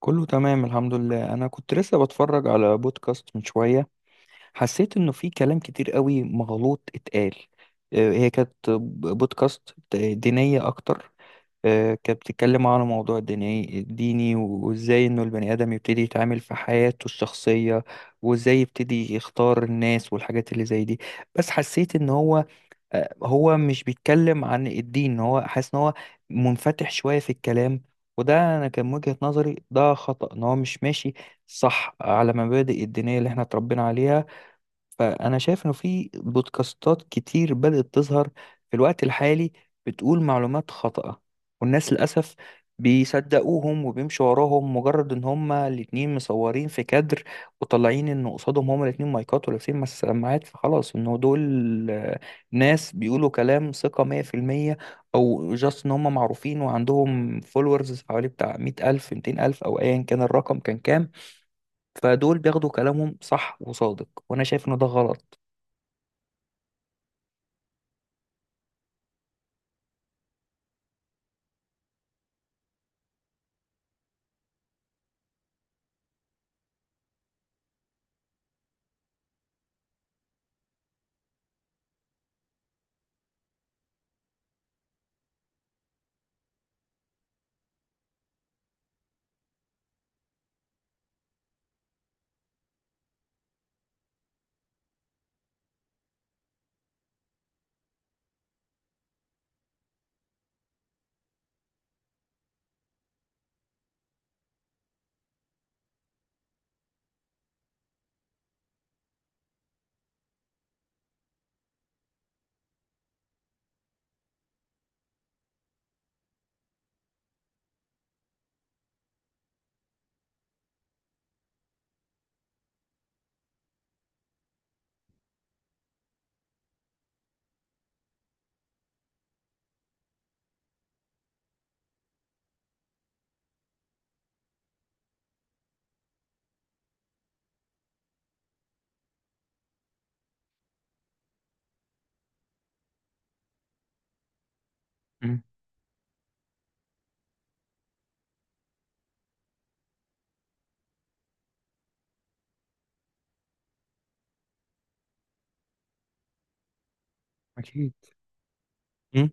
كله تمام الحمد لله انا كنت لسه بتفرج على بودكاست من شويه. حسيت انه في كلام كتير قوي مغلوط اتقال. هي كانت بودكاست دينيه اكتر. كانت بتتكلم على موضوع ديني ديني وازاي انه البني ادم يبتدي يتعامل في حياته الشخصيه وازاي يبتدي يختار الناس والحاجات اللي زي دي. بس حسيت ان هو هو مش بيتكلم عن الدين، هو حاسس ان هو منفتح شوية في الكلام. وده انا كان وجهة نظري، ده خطأ، ان هو مش ماشي صح على مبادئ الدينية اللي احنا اتربينا عليها. فأنا شايف إنه في بودكاستات كتير بدأت تظهر في الوقت الحالي بتقول معلومات خاطئة، والناس للأسف بيصدقوهم وبيمشوا وراهم مجرد إن هما الاتنين مصورين في كادر وطالعين إن قصادهم هما الاتنين مايكات ولابسين سماعات، فخلاص إنه دول ناس بيقولوا كلام ثقة 100%. أو جاست إن هما معروفين وعندهم فولورز حوالي بتاع 100,000 200,000 أو أيا كان الرقم كان كام. فدول بياخدوا كلامهم صح وصادق، وأنا شايف إن ده غلط. مم. أكيد. مم.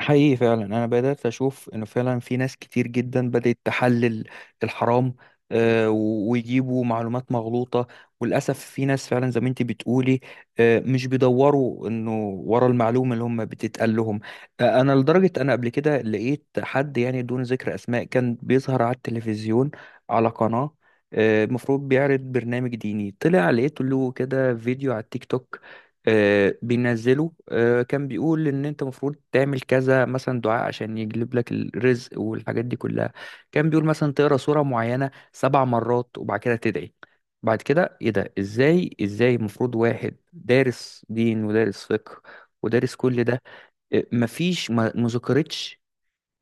حقيقي فعلا أنا بدأت أشوف إنه فعلا في ناس كتير جدا بدأت تحلل الحرام ويجيبوا معلومات مغلوطة. وللأسف في ناس فعلا زي ما أنت بتقولي مش بيدوروا إنه ورا المعلومة اللي هم بتتقال لهم. أنا لدرجة أنا قبل كده لقيت حد، يعني دون ذكر أسماء، كان بيظهر على التلفزيون على قناة المفروض بيعرض برنامج ديني. طلع لقيت له كده فيديو على التيك توك بينزله. كان بيقول ان انت المفروض تعمل كذا، مثلا دعاء عشان يجلب لك الرزق والحاجات دي كلها. كان بيقول مثلا تقرا سورة معينة 7 مرات وبعد كده تدعي. بعد كده ايه ده؟ ازاي المفروض واحد دارس دين ودارس فقه ودارس كل ده مفيش؟ ما ذكرتش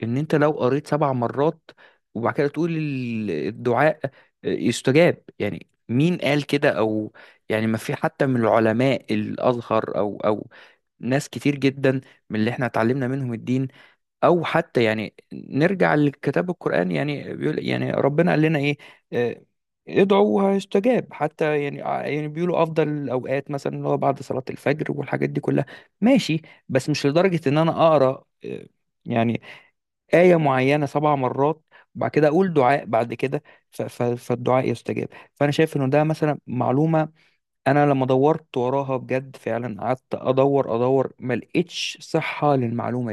ان انت لو قريت 7 مرات وبعد كده تقول الدعاء يستجاب. يعني مين قال كده؟ يعني ما في حتى من العلماء الازهر او ناس كتير جدا من اللي احنا اتعلمنا منهم الدين، او حتى يعني نرجع لكتاب القرآن. يعني بيقول يعني ربنا قال لنا ايه؟ آه، ادعوا وهيستجاب. حتى يعني يعني بيقولوا افضل الاوقات مثلا اللي هو بعد صلاة الفجر والحاجات دي كلها، ماشي. بس مش لدرجة ان انا اقرا يعني آية معينة 7 مرات وبعد كده أقول دعاء بعد كده فالدعاء يستجاب. فأنا شايف إنه ده مثلا معلومة أنا لما دورت وراها بجد فعلا قعدت أدور أدور ما لقيتش صحة للمعلومة.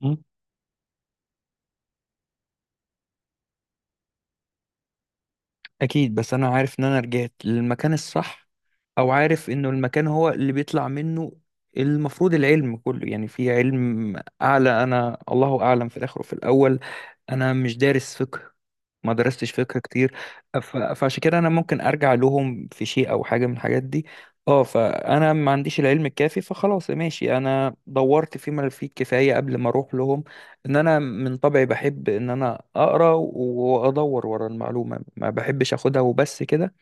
دي اكيد، بس انا عارف ان انا رجعت للمكان الصح او عارف انه المكان هو اللي بيطلع منه المفروض العلم كله. يعني في علم اعلى، انا الله اعلم، في الاخر وفي الاول انا مش دارس فقه، ما درستش فقه كتير. فعشان كده انا ممكن ارجع لهم في شيء او حاجه من الحاجات دي. اه فانا ما عنديش العلم الكافي، فخلاص ماشي، انا دورت فيما فيه الكفايه قبل ما اروح لهم. ان انا من طبعي بحب ان انا اقرا وادور ورا المعلومه، ما بحبش اخدها وبس كده.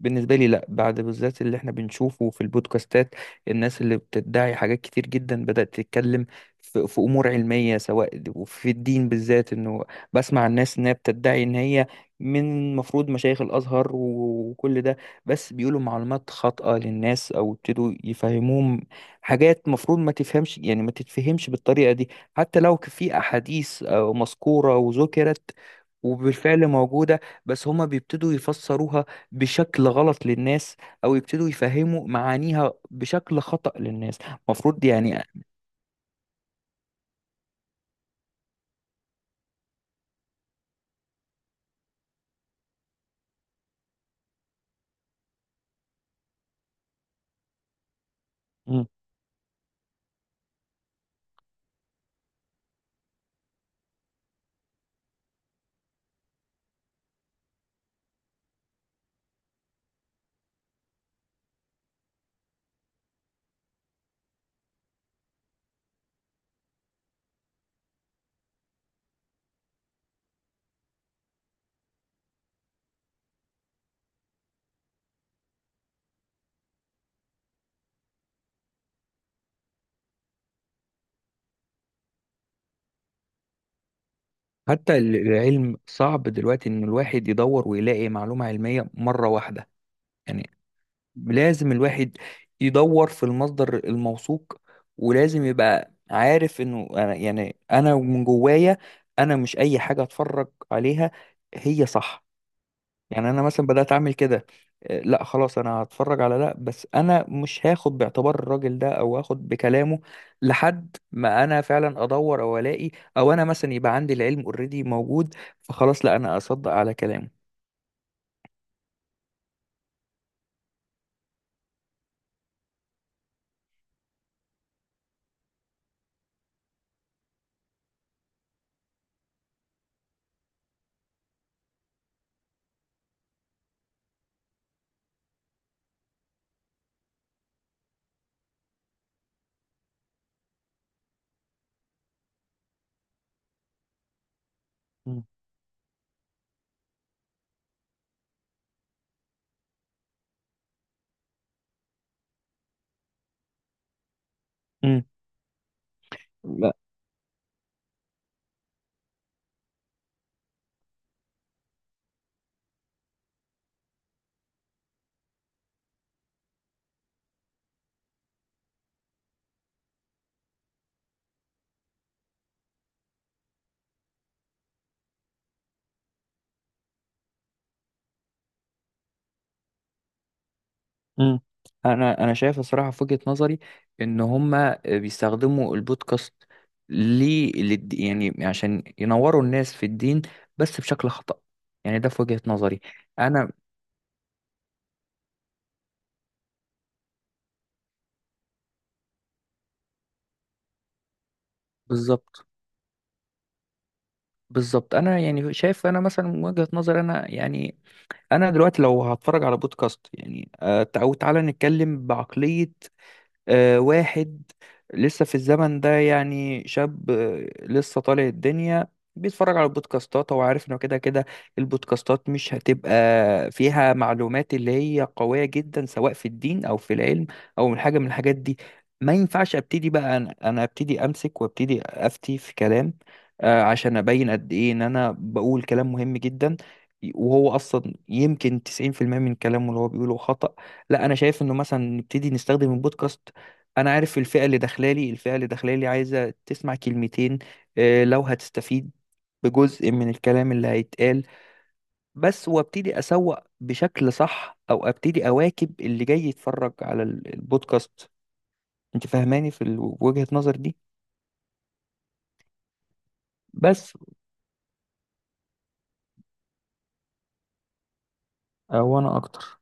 بالنسبة لي لا، بعد بالذات اللي احنا بنشوفه في البودكاستات، الناس اللي بتدعي حاجات كتير جدا بدأت تتكلم في أمور علمية سواء وفي الدين بالذات، إنه بسمع الناس إنها بتدعي إن هي من المفروض مشايخ الأزهر وكل ده، بس بيقولوا معلومات خاطئة للناس، أو ابتدوا يفهموهم حاجات مفروض ما تفهمش، يعني ما تتفهمش بالطريقة دي. حتى لو في أحاديث مذكورة وذكرت وبالفعل موجودة، بس هما بيبتدوا يفسروها بشكل غلط للناس، او يبتدوا يفهموا معانيها بشكل خطأ للناس المفروض يعني. مم. حتى العلم صعب دلوقتي ان الواحد يدور ويلاقي معلومة علمية مرة واحدة. يعني لازم الواحد يدور في المصدر الموثوق، ولازم يبقى عارف انه أنا، يعني انا من جوايا انا مش اي حاجة اتفرج عليها هي صح. يعني انا مثلا بدات اعمل كده لا خلاص انا هتفرج على ده بس انا مش هاخد باعتبار الراجل ده او هاخد بكلامه لحد ما انا فعلا ادور او الاقي او انا مثلا يبقى عندي العلم اوريدي موجود، فخلاص لا انا اصدق على كلامه. مم. مم. لا. مم. انا شايف الصراحه في وجهه نظري ان هما بيستخدموا البودكاست ليه، يعني عشان ينوروا الناس في الدين بس بشكل خطأ. يعني ده في وجهه نظري انا. بالظبط بالظبط، انا يعني شايف، انا مثلا من وجهة نظر انا يعني انا دلوقتي لو هتفرج على بودكاست يعني او تعالى نتكلم بعقلية واحد لسه في الزمن ده، يعني شاب لسه طالع الدنيا، بيتفرج على البودكاستات. هو عارف انه كده كده البودكاستات مش هتبقى فيها معلومات اللي هي قوية جدا سواء في الدين او في العلم او من حاجة من الحاجات دي. ما ينفعش ابتدي بقى انا ابتدي امسك وابتدي افتي في كلام عشان ابين قد ايه ان انا بقول كلام مهم جدا، وهو اصلا يمكن 90% من كلامه اللي هو بيقوله خطأ. لا انا شايف انه مثلا نبتدي نستخدم البودكاست، انا عارف الفئه اللي داخلالي، عايزه تسمع كلمتين لو هتستفيد بجزء من الكلام اللي هيتقال بس. وابتدي اسوق بشكل صح او ابتدي اواكب اللي جاي يتفرج على البودكاست. انت فاهماني في وجهة نظر دي؟ بس وانا اكتر.